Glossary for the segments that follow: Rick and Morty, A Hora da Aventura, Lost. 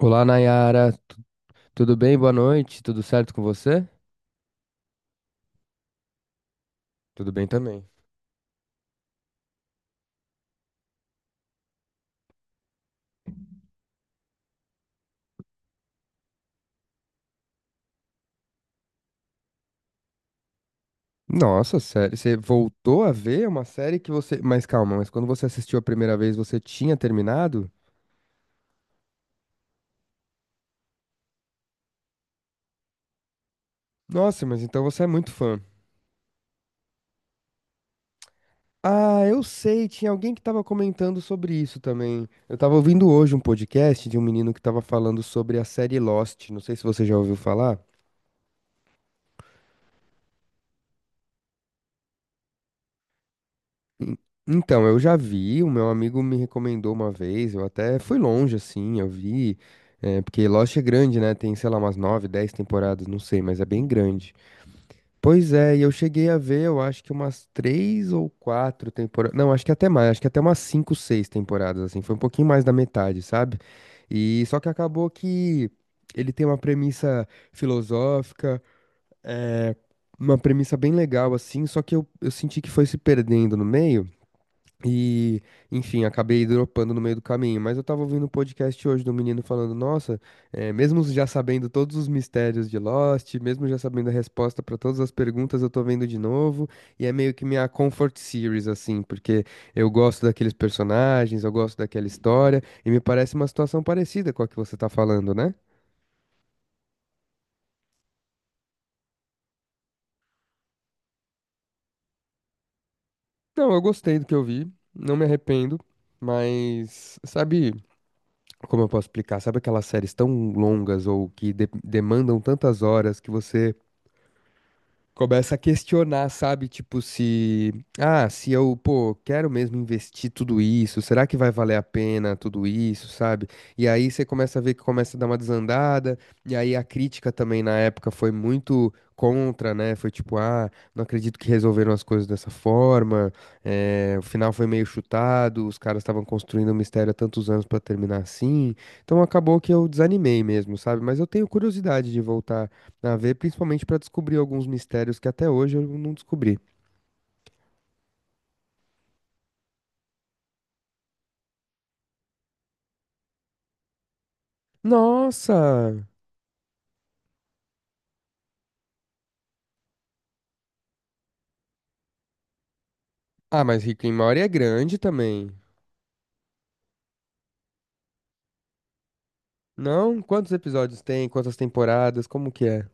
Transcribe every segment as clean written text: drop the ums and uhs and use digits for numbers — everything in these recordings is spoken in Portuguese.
Olá, Nayara. Tudo bem? Boa noite. Tudo certo com você? Tudo bem também. Nossa, sério, você voltou a ver uma série que você. Mas calma, mas quando você assistiu a primeira vez, você tinha terminado? Nossa, mas então você é muito fã. Ah, eu sei, tinha alguém que tava comentando sobre isso também. Eu tava ouvindo hoje um podcast de um menino que tava falando sobre a série Lost. Não sei se você já ouviu falar. En- Então, eu já vi, o meu amigo me recomendou uma vez, eu até fui longe, assim, eu vi, porque Lost é grande, né? Tem, sei lá, umas nove, dez temporadas, não sei, mas é bem grande. Pois é, e eu cheguei a ver, eu acho que umas três ou quatro temporadas, não, acho que até mais, acho que até umas cinco, seis temporadas, assim, foi um pouquinho mais da metade, sabe? E só que acabou que ele tem uma premissa filosófica, é, uma premissa bem legal, assim, só que eu senti que foi se perdendo no meio, e, enfim, acabei dropando no meio do caminho. Mas eu tava ouvindo um podcast hoje do menino falando: Nossa, mesmo já sabendo todos os mistérios de Lost, mesmo já sabendo a resposta pra todas as perguntas, eu tô vendo de novo. E é meio que minha comfort series, assim, porque eu gosto daqueles personagens, eu gosto daquela história. E me parece uma situação parecida com a que você tá falando, né? Não, eu gostei do que eu vi, não me arrependo. Mas, sabe. Como eu posso explicar? Sabe aquelas séries tão longas ou que demandam tantas horas que você começa a questionar, sabe? Tipo, se, ah, se eu, pô, quero mesmo investir tudo isso, será que vai valer a pena tudo isso, sabe? E aí você começa a ver que começa a dar uma desandada, e aí a crítica também na época foi muito contra, né? Foi tipo, ah, não acredito que resolveram as coisas dessa forma, o final foi meio chutado, os caras estavam construindo o mistério há tantos anos pra terminar assim, então acabou que eu desanimei mesmo, sabe? Mas eu tenho curiosidade de voltar a ver, principalmente pra descobrir alguns mistérios que até hoje eu não descobri. Nossa! Ah, mas Rick and Morty é grande também. Não? Quantos episódios tem? Quantas temporadas? Como que é?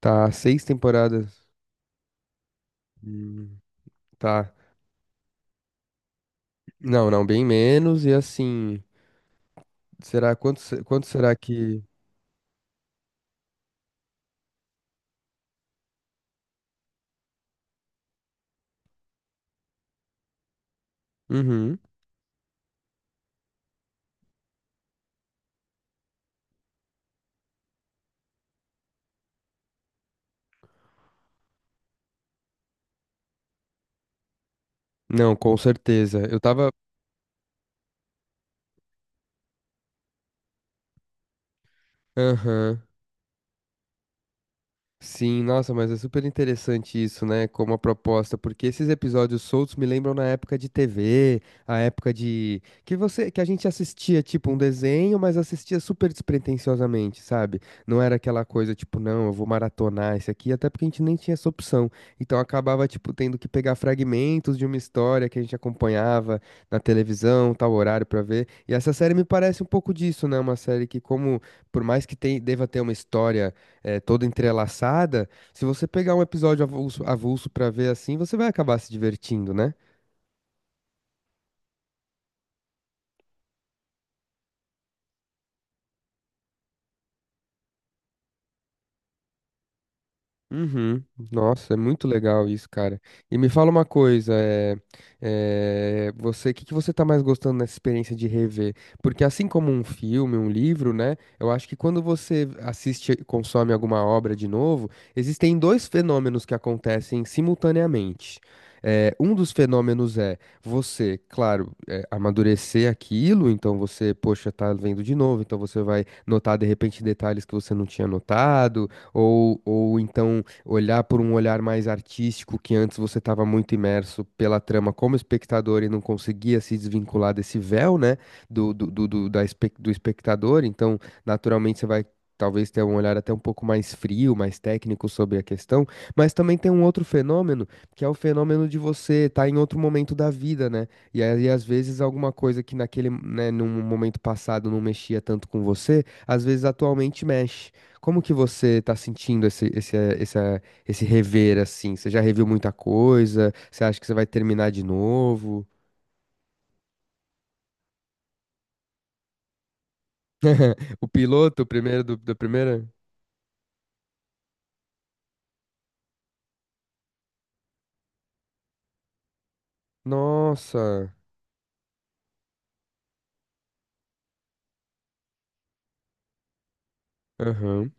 Tá, seis temporadas. Hum, tá. Não, não, bem menos. E assim, será quanto, quanto será que. Uhum. Não, com certeza. Eu tava. Aham. Sim, nossa, mas é super interessante isso, né? Como a proposta, porque esses episódios soltos me lembram na época de TV, a época de que você, que a gente assistia tipo um desenho, mas assistia super despretensiosamente, sabe? Não era aquela coisa tipo, não, eu vou maratonar esse aqui, até porque a gente nem tinha essa opção. Então acabava tipo tendo que pegar fragmentos de uma história que a gente acompanhava na televisão, tal horário pra ver. E essa série me parece um pouco disso, né? Uma série que como por mais que deva ter uma história toda entrelaçada, se você pegar um episódio avulso, avulso para ver assim, você vai acabar se divertindo, né? Uhum. Nossa, é muito legal isso, cara. E me fala uma coisa, você, o que que você tá mais gostando nessa experiência de rever? Porque assim como um filme, um livro, né? Eu acho que quando você assiste, consome alguma obra de novo, existem dois fenômenos que acontecem simultaneamente. É, um dos fenômenos é você, claro, amadurecer aquilo, então você, poxa, tá vendo de novo, então você vai notar de repente detalhes que você não tinha notado, ou então olhar por um olhar mais artístico, que antes você estava muito imerso pela trama como espectador e não conseguia se desvincular desse véu, né, do espectador. Então, naturalmente, você vai. Talvez ter um olhar até um pouco mais frio, mais técnico sobre a questão, mas também tem um outro fenômeno, que é o fenômeno de você estar em outro momento da vida, né? E aí, às vezes, alguma coisa que naquele, né, num momento passado não mexia tanto com você, às vezes atualmente mexe. Como que você tá sentindo esse rever, assim? Você já reviu muita coisa? Você acha que você vai terminar de novo? O piloto, o primeiro do, da primeira? Nossa! Aham.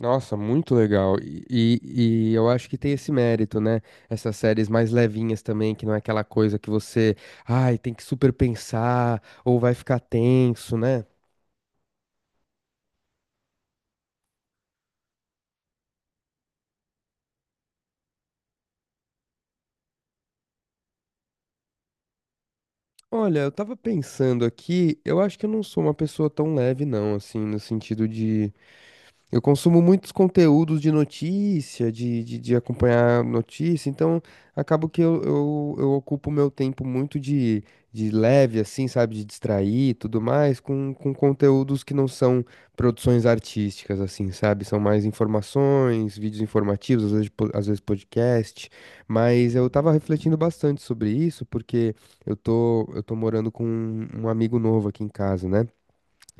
Nossa, muito legal. E eu acho que tem esse mérito, né? Essas séries mais levinhas também, que não é aquela coisa que você, ai, tem que super pensar, ou vai ficar tenso, né? Olha, eu tava pensando aqui, eu acho que eu não sou uma pessoa tão leve, não, assim, no sentido de. Eu consumo muitos conteúdos de notícia, de acompanhar notícia, então acabo que eu ocupo meu tempo muito de leve, assim, sabe, de distrair e tudo mais, com conteúdos que não são produções artísticas, assim, sabe? São mais informações, vídeos informativos, às vezes, às vezes podcast, mas eu tava refletindo bastante sobre isso, porque eu tô morando com um amigo novo aqui em casa, né?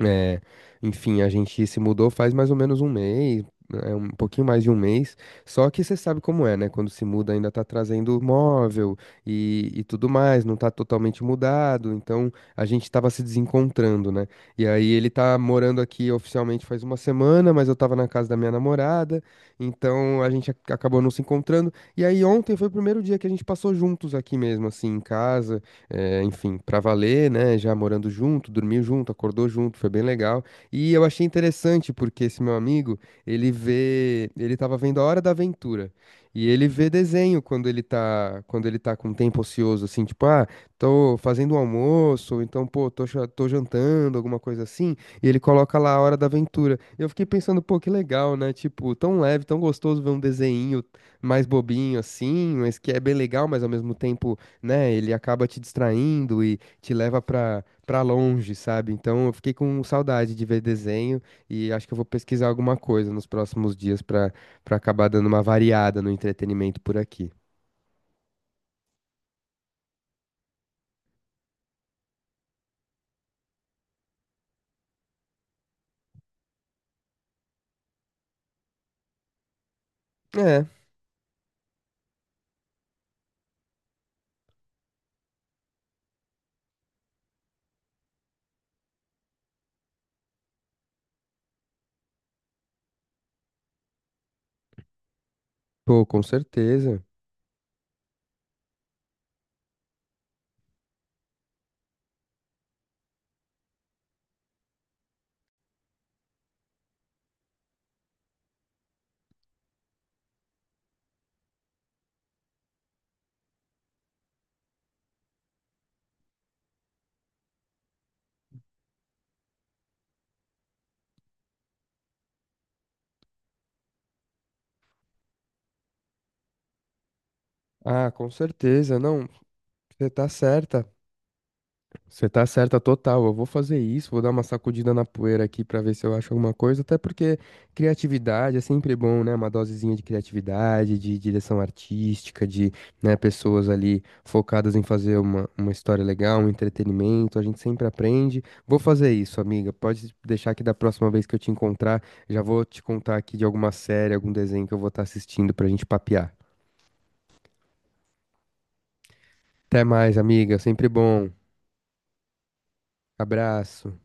É, enfim, a gente se mudou faz mais ou menos um mês, é, um pouquinho mais de um mês. Só que você sabe como é, né? Quando se muda, ainda tá trazendo móvel e tudo mais, não tá totalmente mudado. Então a gente tava se desencontrando, né? E aí ele tá morando aqui oficialmente faz uma semana, mas eu tava na casa da minha namorada, então a gente acabou não se encontrando. E aí ontem foi o primeiro dia que a gente passou juntos aqui mesmo, assim, em casa, enfim, pra valer, né? Já morando junto, dormiu junto, acordou junto, foi bem legal. E eu achei interessante porque esse meu amigo, ele tava vendo A Hora da Aventura. E ele vê desenho quando quando ele tá com um tempo ocioso, assim, tipo, ah, tô fazendo um almoço, ou então, pô, tô jantando, alguma coisa assim, e ele coloca lá A Hora da Aventura. E eu fiquei pensando, pô, que legal, né? Tipo, tão leve, tão gostoso ver um desenho mais bobinho assim, mas que é bem legal, mas ao mesmo tempo né? Ele acaba te distraindo e te leva pra, pra longe, sabe? Então eu fiquei com saudade de ver desenho e acho que eu vou pesquisar alguma coisa nos próximos dias pra, pra acabar dando uma variada no entretenimento por aqui. É, pô, com certeza. Ah, com certeza. Não, você tá certa. Você tá certa total. Eu vou fazer isso, vou dar uma sacudida na poeira aqui pra ver se eu acho alguma coisa, até porque criatividade é sempre bom, né? Uma dosezinha de criatividade, de direção artística, de, né, pessoas ali focadas em fazer uma história legal, um entretenimento. A gente sempre aprende. Vou fazer isso, amiga. Pode deixar que da próxima vez que eu te encontrar, já vou te contar aqui de alguma série, algum desenho que eu vou estar assistindo pra gente papear. Até mais, amiga. Sempre bom. Abraço.